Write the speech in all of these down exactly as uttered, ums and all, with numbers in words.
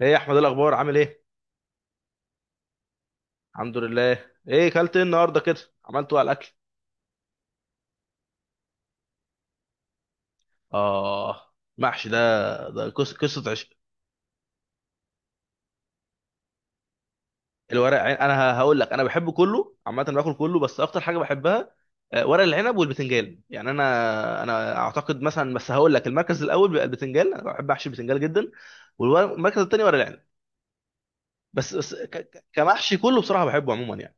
ايه يا احمد؟ إيه الاخبار؟ عامل ايه؟ الحمد لله. ايه كلت ايه النهارده كده؟ عملته على الاكل. اه، محشي ده، ده قص- قصه عشق. الورق عين، انا ه- هقول لك انا بحبه كله عامه، باكل كله، بس اكتر حاجه بحبها، آه، ورق العنب والبتنجان. يعني انا انا اعتقد مثلا، بس هقول لك، المركز الاول بيبقى البتنجان. انا بحب احشي البتنجان جدا. والورق- والمركز الثاني ورق العنب. بس بس ك- ك- كمحشي كله بصراحه بحبه عموما يعني.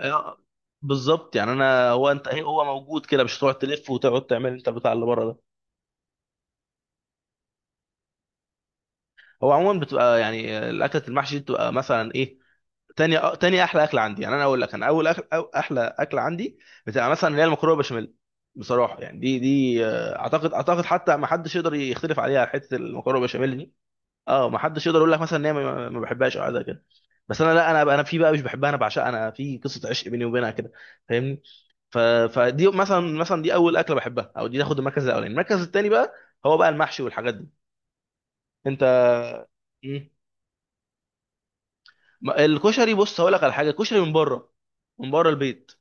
آه، بالظبط، يعني انا هو انت ايه، هو موجود كده، مش هتقعد تلف وتقعد تعمل انت البتاع اللي بره ده. هو عموما بتبقى يعني الاكله المحشي دي بتبقى مثلا ايه، تاني تاني احلى اكله عندي. يعني انا اقول لك، انا اول أكل أو احلى اكله عندي بتبقى مثلا اللي هي المكرونه بشاميل. بصراحه يعني دي دي آه، اعتقد اعتقد حتى ما حدش يقدر يختلف عليها، حته المكرونه بشاميل دي. اه ما حدش يقدر يقول لك مثلا ان هي ما ما بحبهاش او حاجه زي كده. بس انا لا، انا انا في بقى مش بحبها، انا بعشقها، انا في قصه عشق بيني وبينها كده. فاهمني؟ ف... فدي مثلا، مثلا دي اول اكله بحبها، او دي تاخد المركز الاولاني. المركز الثاني بقى هو بقى المحشي والحاجات دي. انت. مم. ما- الكشري، بص هقول لك على حاجه، الكشري من بره، من بره البيت،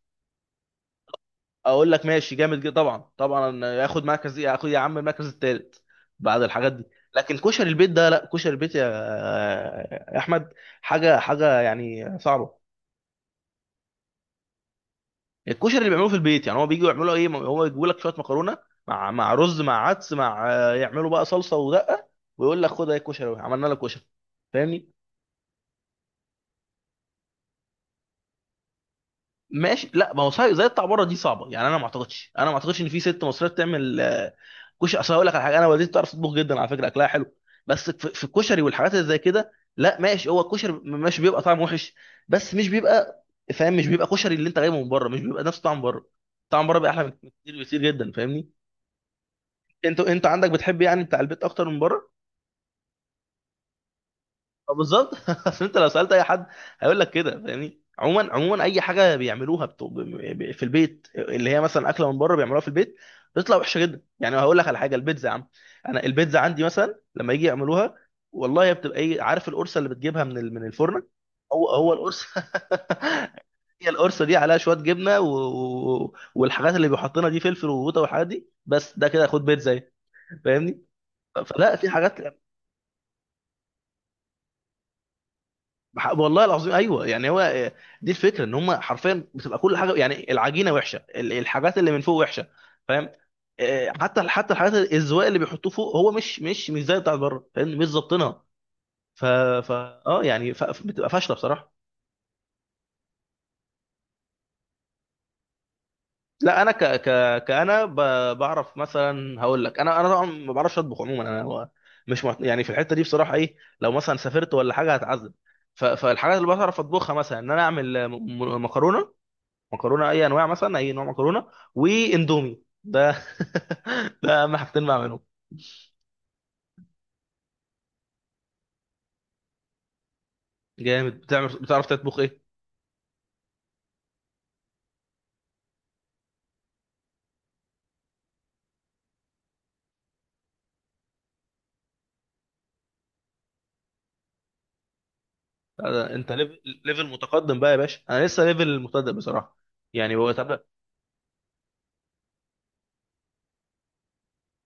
اقول لك ماشي جامد جدا، طبعا طبعا ياخد مركز، ياخد يا عم المركز الثالث بعد الحاجات دي. لكن كشري البيت ده لا، كشري البيت يا يا احمد حاجه، حاجه يعني صعبه. الكشري اللي بيعملوه في البيت، يعني هو بيجوا يعملوا ايه، هو يجيبوا لك شويه مكرونه مع مع رز مع عدس مع، يعملوا بقى صلصه ودقه، ويقول لك خد اهي الكشري أهو، عملنا لك كشري. فاهمني؟ ماشي، لا ما هو صحيح، زي بتاع بره دي صعبه، يعني انا ما اعتقدش، انا ما اعتقدش ان في ست مصريه بتعمل آه، كشري. اصل هقول لك على حاجه، انا والدتي بتعرف تطبخ جدا على فكره، اكلها حلو، بس في في الكشري والحاجات اللي زي كده لا. ماشي هو الكشري م- ماشي، بيبقى طعم وحش، بس مش بيبقى، فاهم، مش بيبقى كشري. اللي انت جايبه من بره مش بيبقى نفس طعم بره. طعم بره بيبقى احلى بكتير، بكتير جدا. فاهمني؟ انت انت عندك بتحب يعني بتاع البيت اكتر من بره؟ آه، بالظبط. عشان انت لو سالت اي حد هيقول لك كده، فاهمني. عموما عموما اي حاجه بيعملوها بتو... ب... ب... في البيت، اللي هي مثلا اكله من بره بيعملوها في البيت، بتطلع وحشه جدا. يعني هقول لك على حاجه، البيتزا يا عم، انا البيتزا عندي مثلا لما يجي يعملوها، والله هي بتبقى ايه، عارف القرصه اللي بتجيبها من ال... من الفرن، هو هو القرص هي القرصه دي عليها شويه جبنه و... و... والحاجات اللي بيحطنا دي، فلفل وقوطه والحاجات دي، بس ده كده خد بيتزا اهي. فاهمني؟ فلا، في حاجات. بح- والله العظيم ايوه يعني هو آه، دي الفكره، ان هم حرفيا بتبقى كل حاجه يعني، العجينه وحشه، ال- الحاجات اللي من فوق وحشه، فاهم. آه، حتى حتى الحاجات الزواق اللي بيحطوه فوق هو مش مش مش زي بتاعت بره، فاهم، مش ظابطينها. ف، ف اه يعني، ف... بتبقى فاشله بصراحه. لا انا ك ك كانا ب... بعرف مثلا، هقول لك، انا انا طبعا ما بعرفش اطبخ عموما، انا هو مش مع... يعني في الحته دي بصراحه، ايه لو مثلا سافرت ولا حاجه هتعذب. ف... فالحاجات اللي بعرف اطبخها مثلا ان انا اعمل م... م- مكرونه، مكرونه اي انواع، مثلا اي نوع مكرونه، واندومي ده. ده اهم حاجتين بعملهم. جامد، بتعمل، بتعرف تطبخ ايه؟ ده انت ليفل، ليفل متقدم بقى يا باشا، انا لسه ليفل مبتدئ بصراحه. يعني هو طب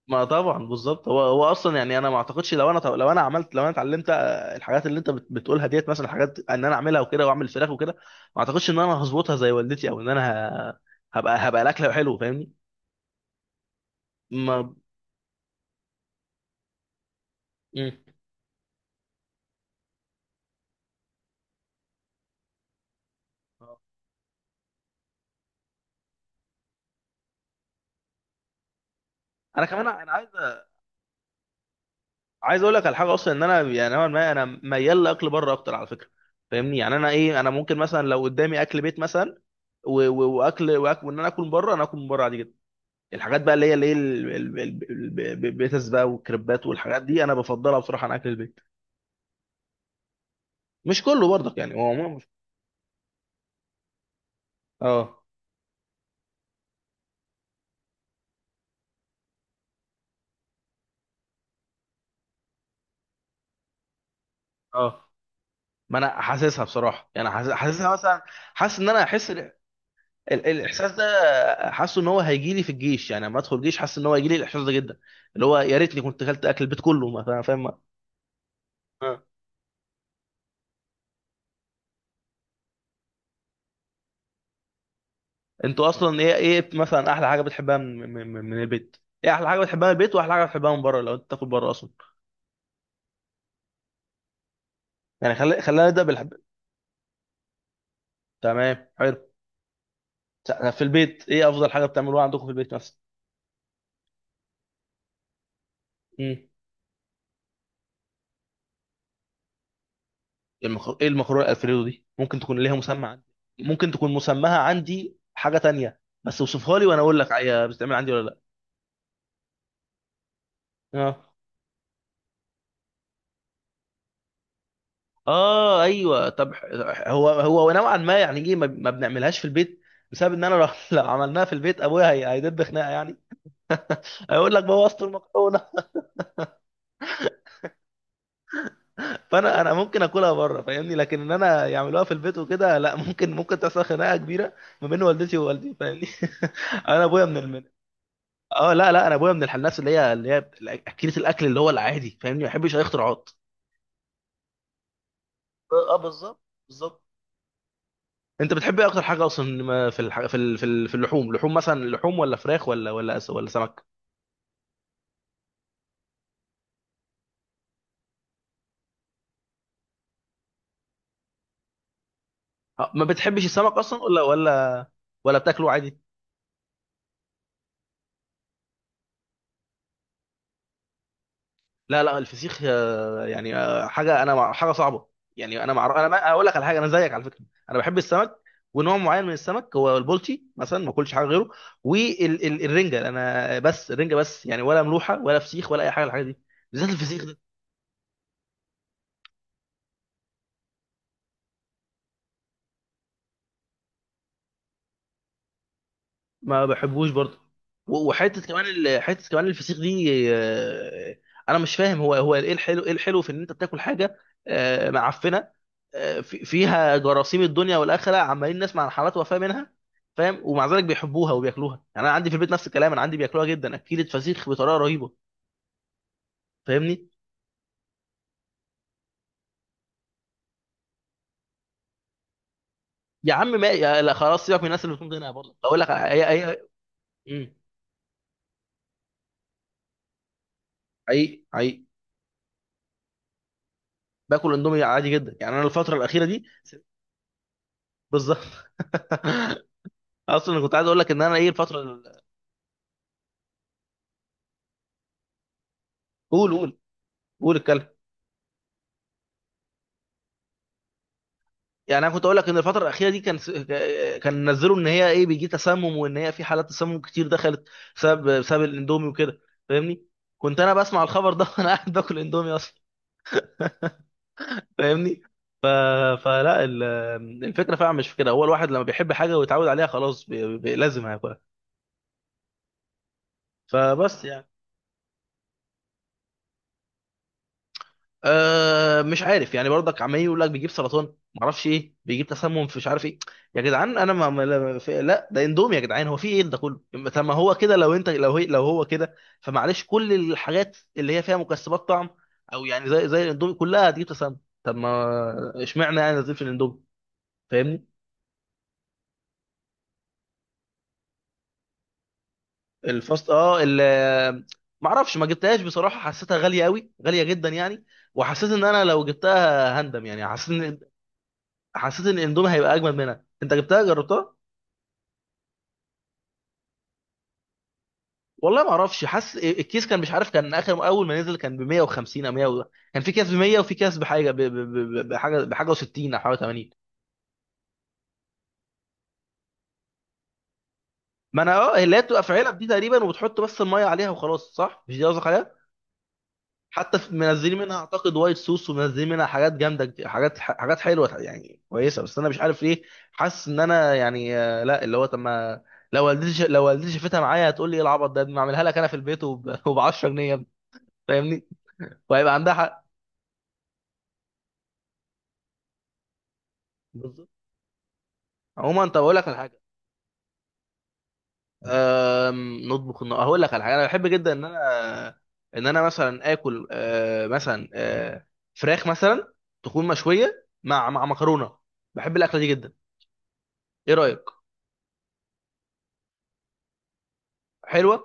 ما، طبعا بالظبط، هو هو اصلا، يعني انا ما اعتقدش لو انا، لو انا عملت، لو انا اتعلمت آه، الحاجات اللي انت بت- بتقولها ديت، مثلا حاجات ان انا اعملها وكده واعمل فراخ وكده، ما اعتقدش ان انا هظبطها زي والدتي، او ان انا ه- هبقى هبقى الاكله حلو. فاهمني؟ ما، مم. انا كمان انا عايز، عايز اقول لك على حاجه اصلا، ان انا يعني نوعا ما، انا ميال لاكل بره اكتر على فكره، فاهمني. يعني انا ايه، انا ممكن مثلا لو قدامي اكل بيت مثلا، و- و- واكل، واكل، وان انا اكل من بره، انا اكل من بره عادي جدا. الحاجات بقى اللي هي، اللي هي ال- ال- ال- ال- ال- بيتس بقى والكريبات والحاجات دي، انا بفضلها بصراحه عن اكل البيت. مش كله برضك يعني هو مو- مش. اه، اه. ما انا حاسسها بصراحه، يعني حاسس- حاسسها مثلا، حاسس ان انا احس ال- الاحساس ده. حاسه ان هو هيجي لي في الجيش، يعني لما ادخل الجيش حاسس ان هو هيجي لي الاحساس ده جدا، اللي هو يا ريتني كنت اكلت اكل البيت كله مثلا. فاهم؟ آه. انتوا اصلا ايه، ايه مثلا احلى حاجه بتحبها من, من, من من البيت؟ ايه احلى حاجه بتحبها من البيت، واحلى حاجه بتحبها من بره لو انت تاكل بره اصلا. يعني خلي خلينا نبدا بالحب. تمام، حلو. ت- في البيت ايه افضل حاجه بتعملوها عندكم في البيت مثلا؟ امم المخ... ايه المكرونه الالفريدو دي، ممكن تكون ليها مسمى عندي، ممكن تكون مسماها عندي حاجه تانية، بس اوصفها لي وانا اقول لك هي بتتعمل عندي ولا لا. اه. اه ايوه، طب ح- هو هو نوعا ما، يعني ايه ما ما بنعملهاش في البيت، بسبب ان انا لو لو عملناها في البيت ابويا هي- هيدب خناقه يعني، هيقول لك بوظت المكرونه فانا، انا ممكن اكلها بره فاهمني، لكن ان انا يعملوها في البيت وكده لا، ممكن ممكن تحصل خناقه كبيره ما بين والدتي ووالدي، فاهمني. انا ابويا من الم... اه لا، لا، انا ابويا من الح- الناس اللي هي، اللي هي اكله الاكل اللي هو العادي، فاهمني، ما بيحبش اي اختراعات. اه، آه، بالظبط، بالظبط. انت بتحب ايه اكتر حاجه اصلا، ما في الح... في ال- في ال- في اللحوم، لحوم مثلا، لحوم ولا فراخ، ولا ولا أس... ولا سمك؟ آه، ما بتحبش السمك اصلا، ولا ولا ولا بتاكله عادي؟ لا لا، الفسيخ آه، يعني آه، حاجه انا مع... حاجه صعبه. يعني انا مع... انا ما... اقول لك على حاجه، انا زيك على فكره، انا بحب السمك، ونوع معين من السمك هو البولتي مثلا ما اكلش حاجه غيره، والرنجه انا بس، الرنجه بس، يعني ولا ملوحه ولا فسيخ ولا اي حاجه من الحاجات دي، بالذات الفسيخ ده. ما بحبوش برضه. و- وحته كمان ال- حته كمان الفسيخ دي آه، انا مش فاهم هو، هو ايه الحلو، ايه الحلو في ان انت بتاكل حاجه آه، معفنه، آه، في- فيها جراثيم الدنيا والاخره، عمالين نسمع عن حالات وفاه منها، فاهم، ومع ذلك بيحبوها وبياكلوها. يعني انا عندي في البيت نفس الكلام، انا عندي بياكلوها جدا، اكيلة فسيخ بطريقه رهيبه، فاهمني. يا عم ما، يا لا خلاص سيبك من الناس، اللي بتكون هنا برضه بقول لك اي اي. مم. حقيقي، حقيقي. باكل اندومي عادي جدا، يعني انا الفتره الاخيره دي. بالظبط. اصلا أنا كنت عايز اقول لك ان انا ايه، الفتره ال- قول، قول، قول الكلام. يعني انا كنت اقول لك ان الفتره الاخيره دي كان س- ك- كان نزلوا ان هي ايه، بيجي تسمم، وان هي في حالات تسمم كتير دخلت بسبب بسبب الاندومي وكده، فاهمني. كنت انا بسمع الخبر ده وانا قاعد باكل اندومي اصلا، فاهمني. ف... فلا، ال- الفكره فعلا مش في كده، هو الواحد لما بيحب حاجه ويتعود عليها خلاص بي... بي... لازم هياكلها. فبس يعني. أه مش عارف، يعني برضك عمال يقول لك بيجيب سرطان، معرفش ايه، بيجيب تسمم، في مش عارف ايه. يا جدعان انا ما ما- لا في- لا، ده اندومي يا جدعان، هو في ايه ده كله. طب ما هو كده، لو انت لو هي لو هو كده، فمعلش كل الحاجات اللي هي فيها مكسبات طعم، او يعني زي زي الاندومي كلها هتجيب تسمم. طب ما، اشمعنى يعني نزيل في الاندومي، فاهمني. الفاست اه ال، معرفش، ما جبتهاش بصراحه، حسيتها غاليه قوي، غاليه جدا يعني، وحسيت ان انا لو جبتها هندم، يعني حسيت ان، حسيت ان الاندومي هيبقى اجمد منها. انت جبتها جربتها؟ والله ما اعرفش حاسس إيه، الكيس كان مش عارف، كان اخر اول ما نزل كان ب مية وخمسين او مية و- كان في كيس ب مية وفي كيس بحاجه ب- ب- ب- بحاجه بحاجه و60 او حاجه تمانين. ما انا اه، اللي هي بتبقى في علب دي تقريبا، وبتحط بس الميه عليها وخلاص، صح؟ مش دي قصدك عليها؟ حتى في- منزلين منها اعتقد وايت صوص، ومنزلين منها حاجات جامده كتير- حاجات، حاجات حلوه يعني، كويسه، بس انا مش عارف ليه حاسس ان انا يعني آه، لا، اللي هو طب ما، لو والدتي ش- لو والدتي شافتها معايا هتقول لي ايه العبط ده، ما اعملها لك انا في البيت وب عشرة جنيه، فاهمني، وهيبقى عندها حق. بالظبط. عموما طب اقول لك على حاجه. أم... نطبخ الن- هقول لك على حاجه، انا بحب جدا ان انا، ان انا مثلا اكل أه... مثلا أه... فراخ مثلا، تكون مشويه مع مع مكرونه، بحب الاكله دي جدا. ايه رايك؟ حلوه.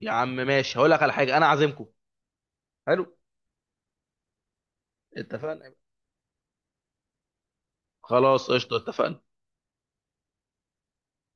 يا عم ماشي، هقول لك على حاجه انا عازمكم. حلو. اتفقنا. خلاص قشطه، اتفقنا.